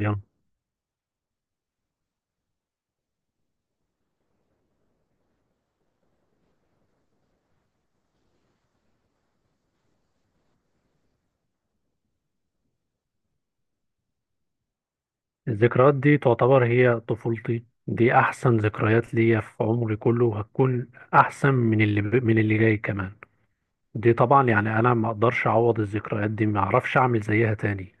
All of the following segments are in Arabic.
يلا. الذكريات دي تعتبر هي طفولتي، دي احسن ذكريات ليا في عمري كله وهتكون احسن من اللي من اللي جاي كمان. دي طبعا يعني انا ما اقدرش اعوض الذكريات دي، ما اعرفش اعمل زيها تاني.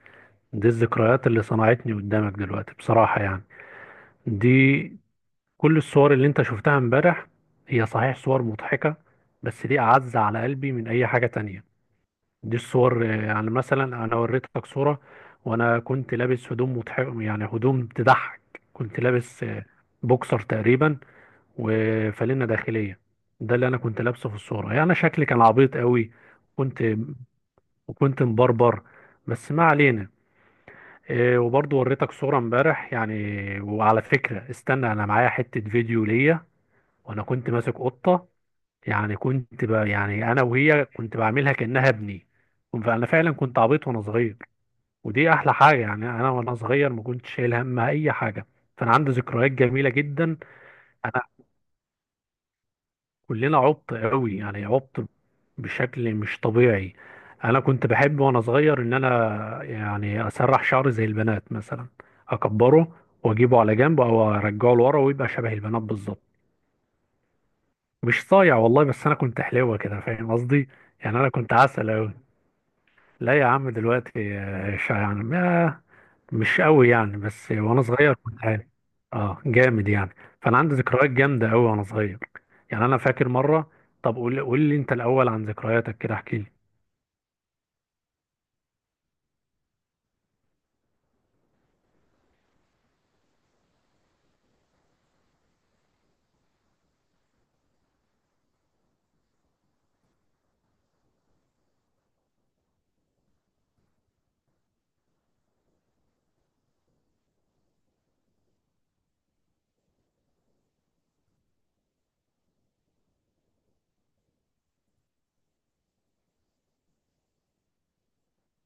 دي الذكريات اللي صنعتني قدامك دلوقتي بصراحة يعني. دي كل الصور اللي انت شفتها امبارح هي صحيح صور مضحكة، بس دي اعز على قلبي من اي حاجة تانية. دي الصور، يعني مثلا انا وريتك صورة وانا كنت لابس هدوم مضح، يعني هدوم تضحك. كنت لابس بوكسر تقريبا وفانلة داخلية. ده اللي انا كنت لابسه في الصورة، يعني شكلي كان عبيط قوي. كنت وكنت مبربر، بس ما علينا. وبرضه وريتك صورة امبارح يعني. وعلى فكرة استنى، انا معايا حتة فيديو ليا وانا كنت ماسك قطة. يعني كنت يعني انا وهي كنت بعملها كأنها ابني. فانا فعلا كنت عبيط وانا صغير. ودي احلى حاجه، يعني انا وانا صغير ما كنتش شايل هم اي حاجه، فانا عندي ذكريات جميله جدا. انا كلنا عبط قوي يعني، عبط بشكل مش طبيعي. انا كنت بحب وانا صغير ان انا يعني اسرح شعري زي البنات مثلا، اكبره واجيبه على جنب او ارجعه لورا ويبقى شبه البنات بالظبط. مش صايع والله، بس انا كنت حلوه كده، فاهم قصدي؟ يعني انا كنت عسل قوي. لا يا عم، دلوقتي مش قوي يعني، بس وانا صغير كنت عالي. اه جامد يعني. فانا عندي ذكريات جامده قوي وانا صغير. يعني انا فاكر مره. طب قول لي انت الاول عن ذكرياتك، كده احكي لي.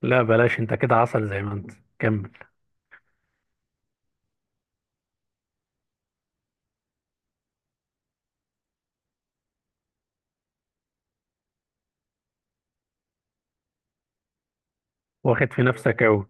لا بلاش، انت كده عسل زي ما انت. كمل. واخد في نفسك قوي.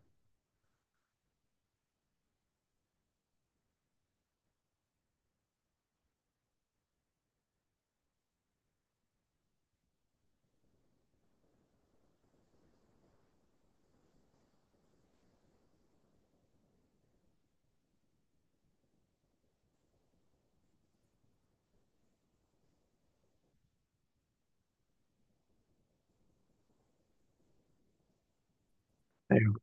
ايوه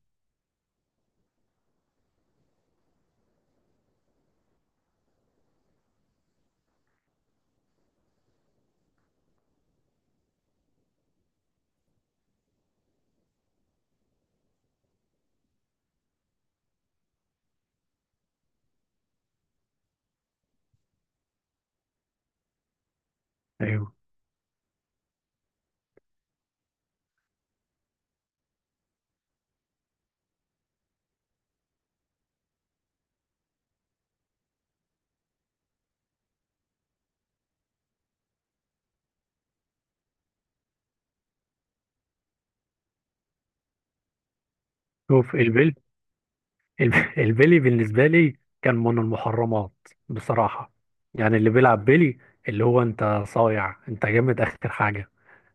ايوه. شوف الب- البلي بالنسبه لي كان من المحرمات بصراحه. يعني اللي بيلعب بلي، اللي هو انت صايع، انت جامد اخر حاجه.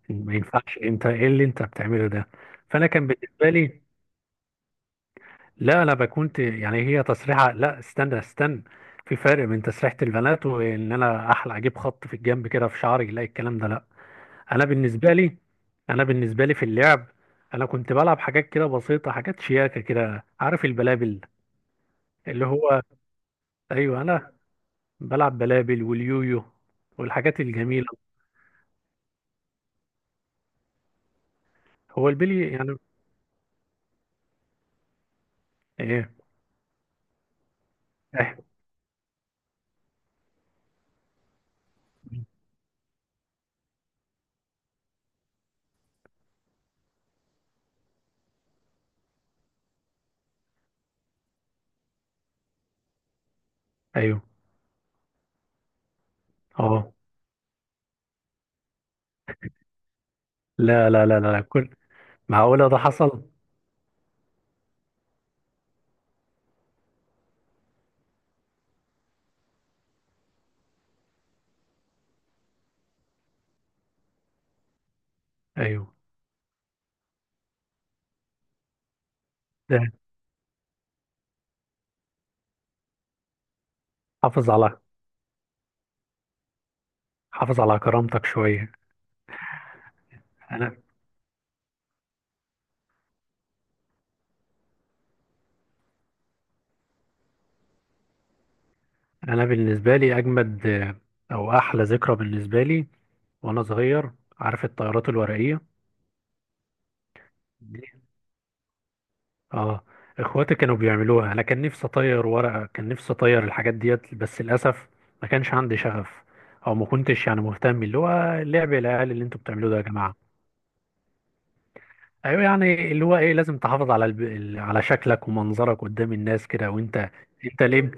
ما ينفعش، انت ايه اللي انت بتعمله ده؟ فانا كان بالنسبه لي، لا انا بكونت يعني هي تصريحه لا، استنى. في فرق بين تسريحه البنات وان انا احلى اجيب خط في الجنب كده في شعري، لا الكلام ده لا. انا بالنسبه لي، انا بالنسبه لي في اللعب، انا كنت بلعب حاجات كده بسيطه، حاجات شياكه كده، عارف البلابل؟ اللي هو ايوه، انا بلعب بلابل واليويو والحاجات الجميله. هو البلي يعني ايه. إيه، ايوه اه. لا لا لا لا لا. معقولة ده حصل؟ أيوه. ده، حافظ على حافظ على كرامتك شوية. أنا أنا بالنسبة لي أجمد، أو أحلى ذكرى بالنسبة لي وأنا صغير، عارف الطيارات الورقية؟ دي آه إخواتي كانوا بيعملوها، أنا كان نفسي أطير ورقة، كان نفسي أطير الحاجات ديت، بس للأسف ما كانش عندي شغف، أو ما كنتش يعني مهتم اللي هو لعب العيال اللي أنتوا بتعملوه ده يا جماعة. أيوه يعني اللي هو إيه، لازم تحافظ على على شكلك ومنظرك قدام الناس كده وأنت. انت ليه؟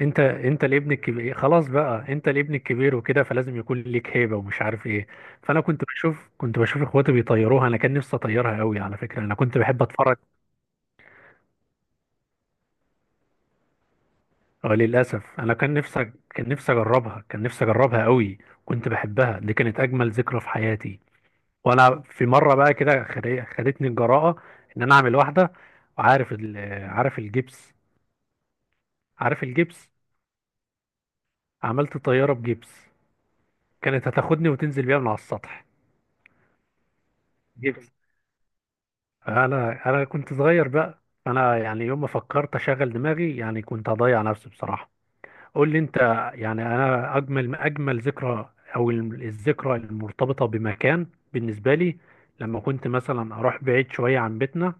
انت الابن الكبير خلاص بقى، انت الابن الكبير وكده، فلازم يكون ليك هيبه ومش عارف ايه. فانا كنت بشوف اخواتي بيطيروها، انا كان نفسي اطيرها قوي، على فكره انا كنت بحب اتفرج. اه للاسف، انا كان نفسي، كان نفسي اجربها قوي. كنت بحبها، دي كانت اجمل ذكرى في حياتي. وانا في مره بقى كده خدتني الجراءه ان انا اعمل واحده. وعارف ال... عارف الجبس، عارف الجبس. عملت طياره بجبس، كانت هتاخدني وتنزل بيها من على السطح. جبس. انا كنت صغير بقى، انا يعني يوم ما فكرت اشغل دماغي يعني كنت هضيع نفسي بصراحه. قول لي انت. يعني انا اجمل ذكرى، او الذكرى المرتبطه بمكان بالنسبه لي، لما كنت مثلا اروح بعيد شويه عن بيتنا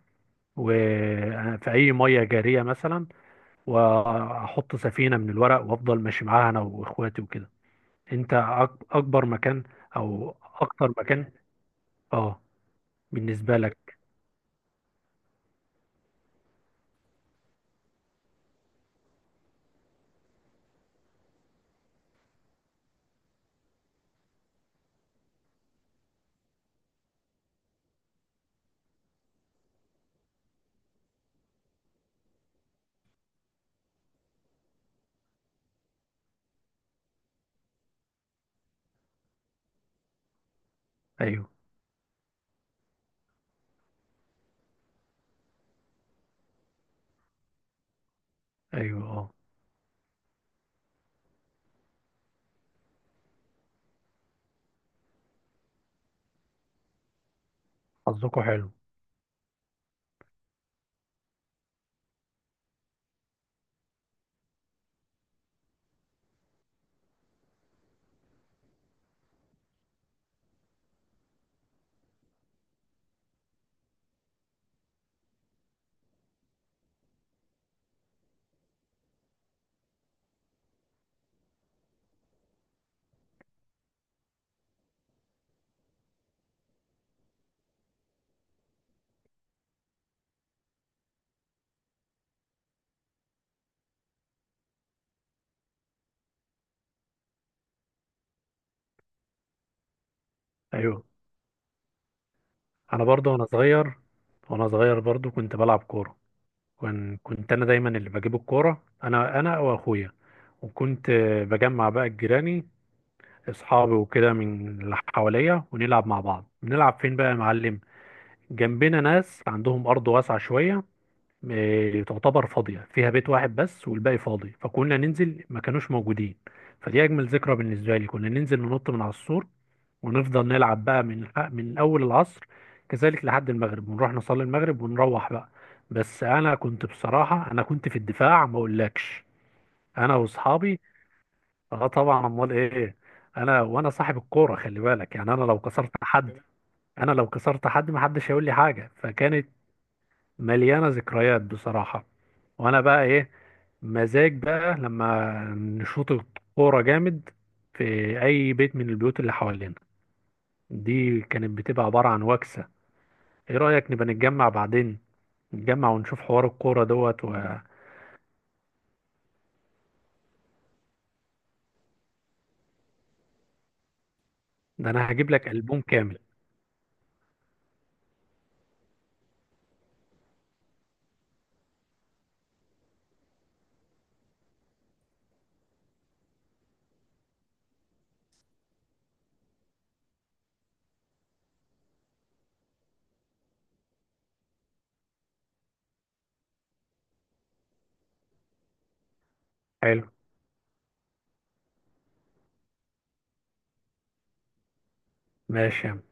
وفي اي ميه جاريه مثلا، واحط سفينه من الورق وافضل ماشي معاها انا واخواتي وكده. انت اكبر مكان او اكتر مكان؟ اه بالنسبه لك. ايوه ايوه اه. حظكوا حلو. ايوه انا برضو وانا صغير برضو كنت بلعب كوره. كنت انا دايما اللي بجيب الكوره، انا واخويا. وكنت بجمع بقى جيراني اصحابي وكده من اللي حواليا، ونلعب مع بعض، بنلعب فين بقى يا معلم؟ جنبنا ناس عندهم ارض واسعه شويه، تعتبر فاضية، فيها بيت واحد بس والباقي فاضي، فكنا ننزل ما كانوش موجودين. فدي أجمل ذكرى بالنسبة لي، كنا ننزل ننط من على السور ونفضل نلعب بقى من أول العصر كذلك لحد المغرب، ونروح نصلي المغرب ونروح بقى. بس أنا كنت بصراحة، أنا كنت في الدفاع ما أقولكش، أنا وأصحابي. أه طبعا، أمال إيه. أنا وأنا صاحب الكورة خلي بالك، يعني أنا لو كسرت حد، أنا لو كسرت حد محدش هيقول لي حاجة، فكانت مليانة ذكريات بصراحة. وانا بقى ايه، مزاج بقى لما نشوط الكورة جامد في اي بيت من البيوت اللي حوالينا، دي كانت بتبقى عبارة عن وكسة. ايه رأيك نبقى نتجمع بعدين، نتجمع ونشوف حوار الكورة دوت و... ده انا هجيب لك ألبوم كامل. حلو. ماشي يا عم.